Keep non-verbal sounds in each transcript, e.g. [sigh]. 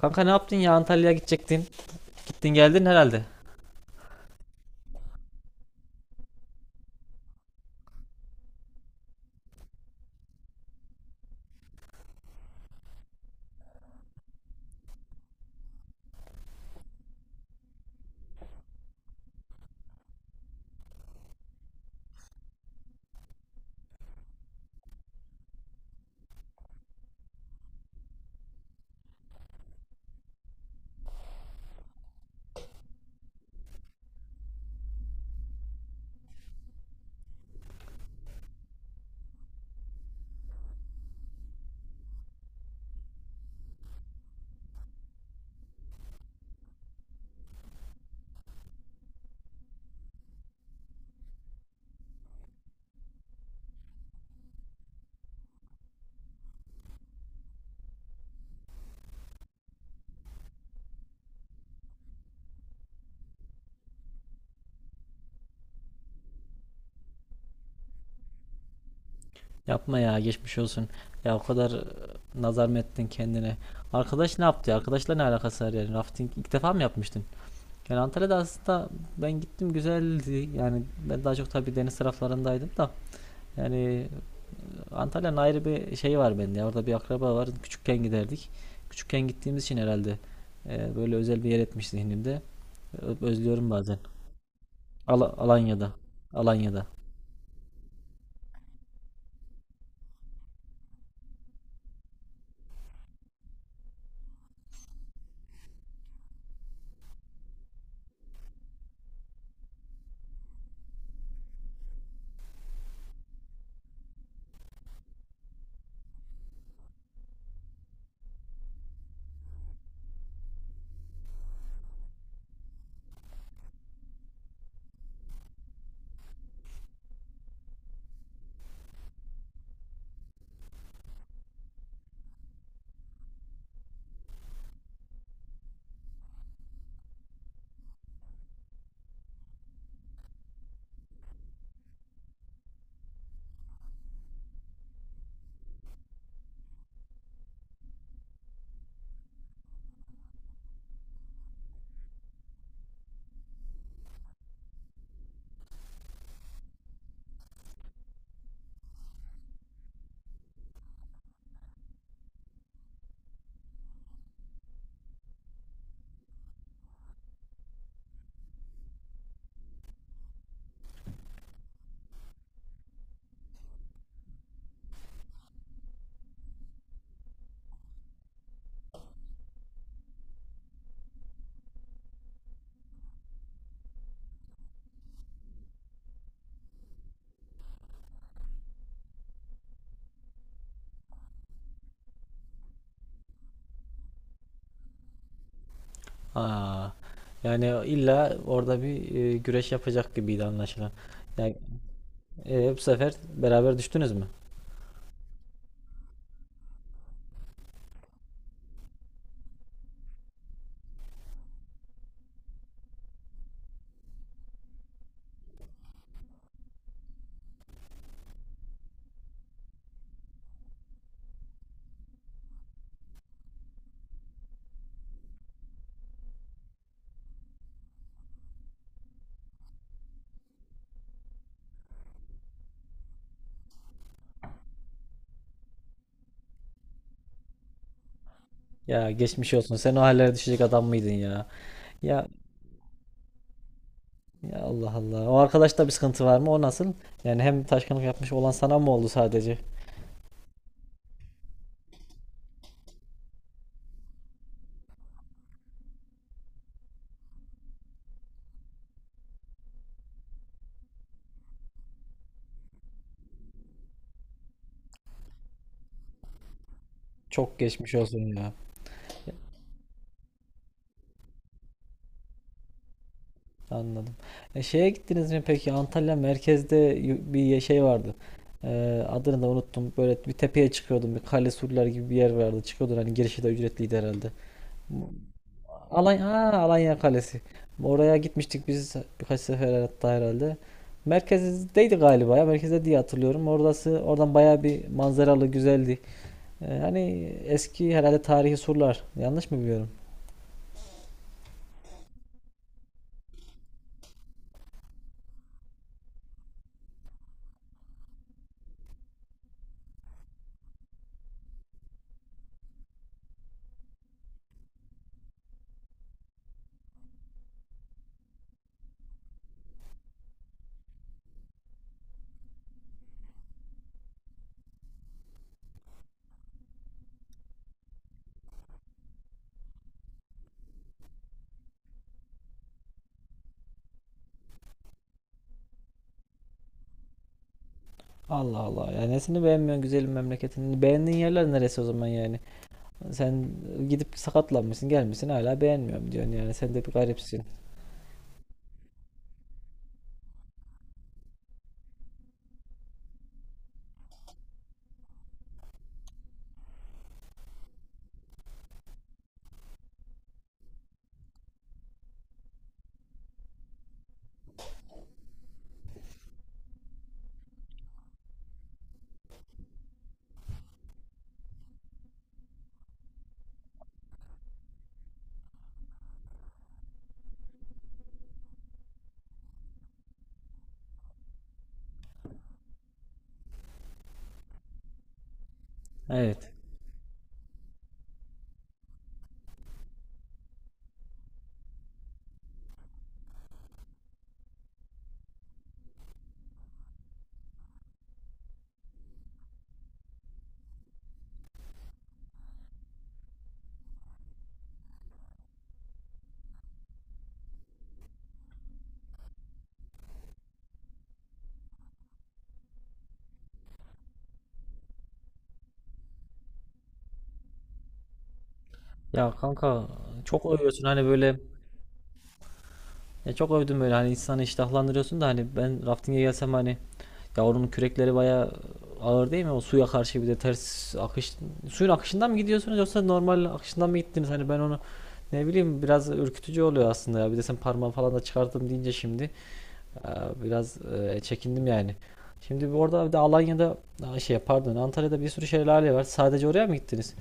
Kanka ne yaptın ya, Antalya'ya gidecektin. Gittin geldin herhalde. Yapma ya, geçmiş olsun. Ya o kadar nazar mı ettin kendine? Arkadaş ne yaptı ya? Arkadaşla ne alakası var yani? Rafting ilk defa mı yapmıştın? Yani Antalya'da aslında ben gittim, güzeldi. Yani ben daha çok tabii deniz taraflarındaydım da. Yani Antalya'nın ayrı bir şeyi var bende ya. Orada bir akraba var. Küçükken giderdik. Küçükken gittiğimiz için herhalde böyle özel bir yer etmiş zihnimde. Özlüyorum bazen. Alanya'da. Alanya'da. Aa, yani illa orada bir güreş yapacak gibiydi anlaşılan. Yani bu sefer beraber düştünüz mü? Ya geçmiş olsun. Sen o hallere düşecek adam mıydın ya? Ya ya, Allah Allah. O arkadaşta bir sıkıntı var mı? O nasıl? Yani hem taşkınlık yapmış olan sana mı oldu sadece? Çok geçmiş ya. Anladım. E, şeye gittiniz mi peki? Antalya merkezde bir şey vardı. E, adını da unuttum. Böyle bir tepeye çıkıyordum. Bir kale, surlar gibi bir yer vardı. Çıkıyordun, hani girişi de ücretliydi herhalde. Alanya, ha, Alanya Kalesi. Oraya gitmiştik biz birkaç sefer hatta herhalde. Merkezdeydi galiba ya. Merkezde diye hatırlıyorum. Orası, oradan bayağı bir manzaralı, güzeldi. Hani eski herhalde tarihi surlar. Yanlış mı biliyorum? Allah Allah. Yani nesini beğenmiyorsun güzelim memleketini? Beğendiğin yerler neresi o zaman yani? Sen gidip sakatlanmışsın, gelmişsin, hala beğenmiyorum diyorsun yani. Sen de bir garipsin. Evet. Ya kanka, çok övüyorsun hani böyle. Ya çok övdüm, böyle hani insanı iştahlandırıyorsun da, hani ben rafting'e gelsem, hani ya oranın kürekleri bayağı ağır değil mi? O suya karşı, bir de ters akış, suyun akışından mı gidiyorsunuz yoksa normal akışından mı gittiniz? Hani ben onu ne bileyim, biraz ürkütücü oluyor aslında ya. Bir de sen parmağı falan da çıkarttım deyince şimdi. Ee, Biraz çekindim yani. Şimdi bu orada bir de Alanya'da, aa, şey pardon, Antalya'da bir sürü şelale var. Sadece oraya mı gittiniz?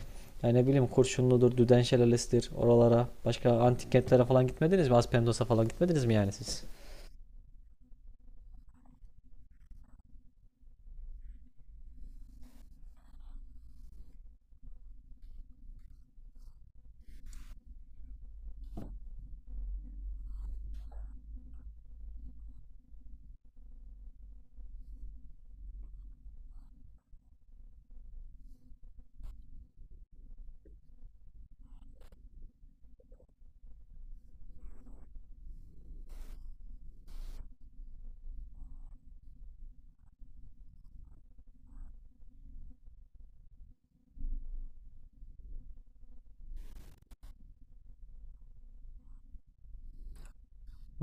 Yani ne bileyim, Kurşunlu'dur, Düden Şelalesi'dir oralara. Başka antik kentlere falan gitmediniz mi? Aspendos'a falan gitmediniz mi yani siz?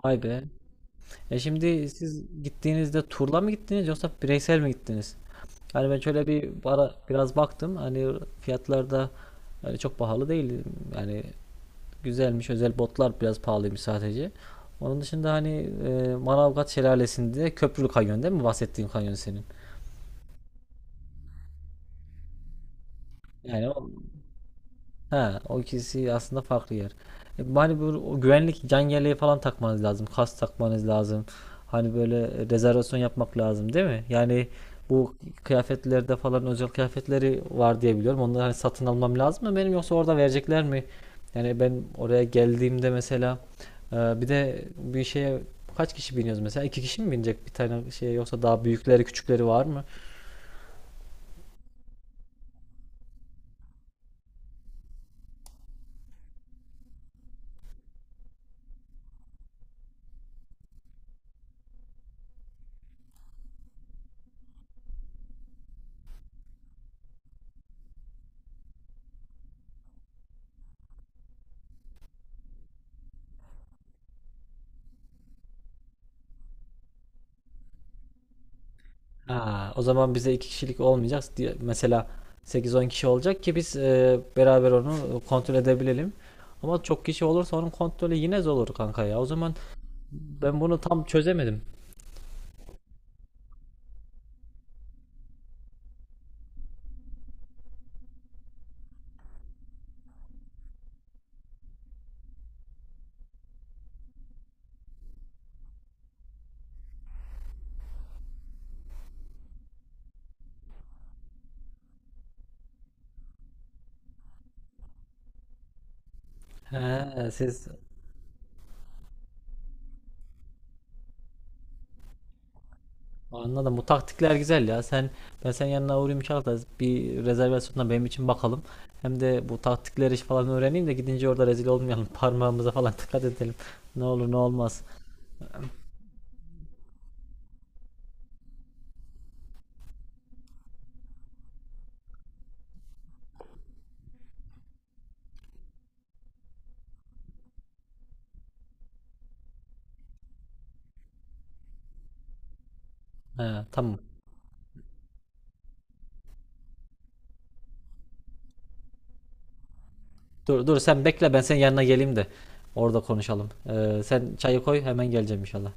Vay be. E şimdi siz gittiğinizde turla mı gittiniz yoksa bireysel mi gittiniz? Yani ben şöyle bir ara biraz baktım. Hani fiyatlarda, yani çok pahalı değil. Yani güzelmiş. Özel botlar biraz pahalıymış sadece. Onun dışında hani Manavgat Şelalesi'nde köprülü kanyon değil mi? Bahsettiğin kanyon senin. Yani o He, o ikisi aslında farklı yer. E, hani bu o güvenlik can yeleği falan takmanız lazım, kas takmanız lazım. Hani böyle rezervasyon yapmak lazım değil mi? Yani bu kıyafetlerde falan özel kıyafetleri var diye biliyorum. Onları hani satın almam lazım mı benim, yoksa orada verecekler mi? Yani ben oraya geldiğimde mesela bir de bir şeye kaç kişi biniyoruz mesela? İki kişi mi binecek bir tane şeye, yoksa daha büyükleri küçükleri var mı? Aa, o zaman bize 2 kişilik olmayacak. Mesela 8-10 kişi olacak ki biz beraber onu kontrol edebilelim. Ama çok kişi olursa onun kontrolü yine zor olur kanka ya. O zaman ben bunu tam çözemedim. He, anladım. Bu taktikler güzel ya. Sen yanına uğrayayım inşallah, bir rezervasyonla benim için bakalım. Hem de bu taktikleri, iş falan öğreneyim de gidince orada rezil olmayalım. [laughs] Parmağımıza falan dikkat edelim. Ne olur ne olmaz. He, tamam. Dur dur, sen bekle, ben senin yanına geleyim de orada konuşalım. Sen çayı koy, hemen geleceğim inşallah.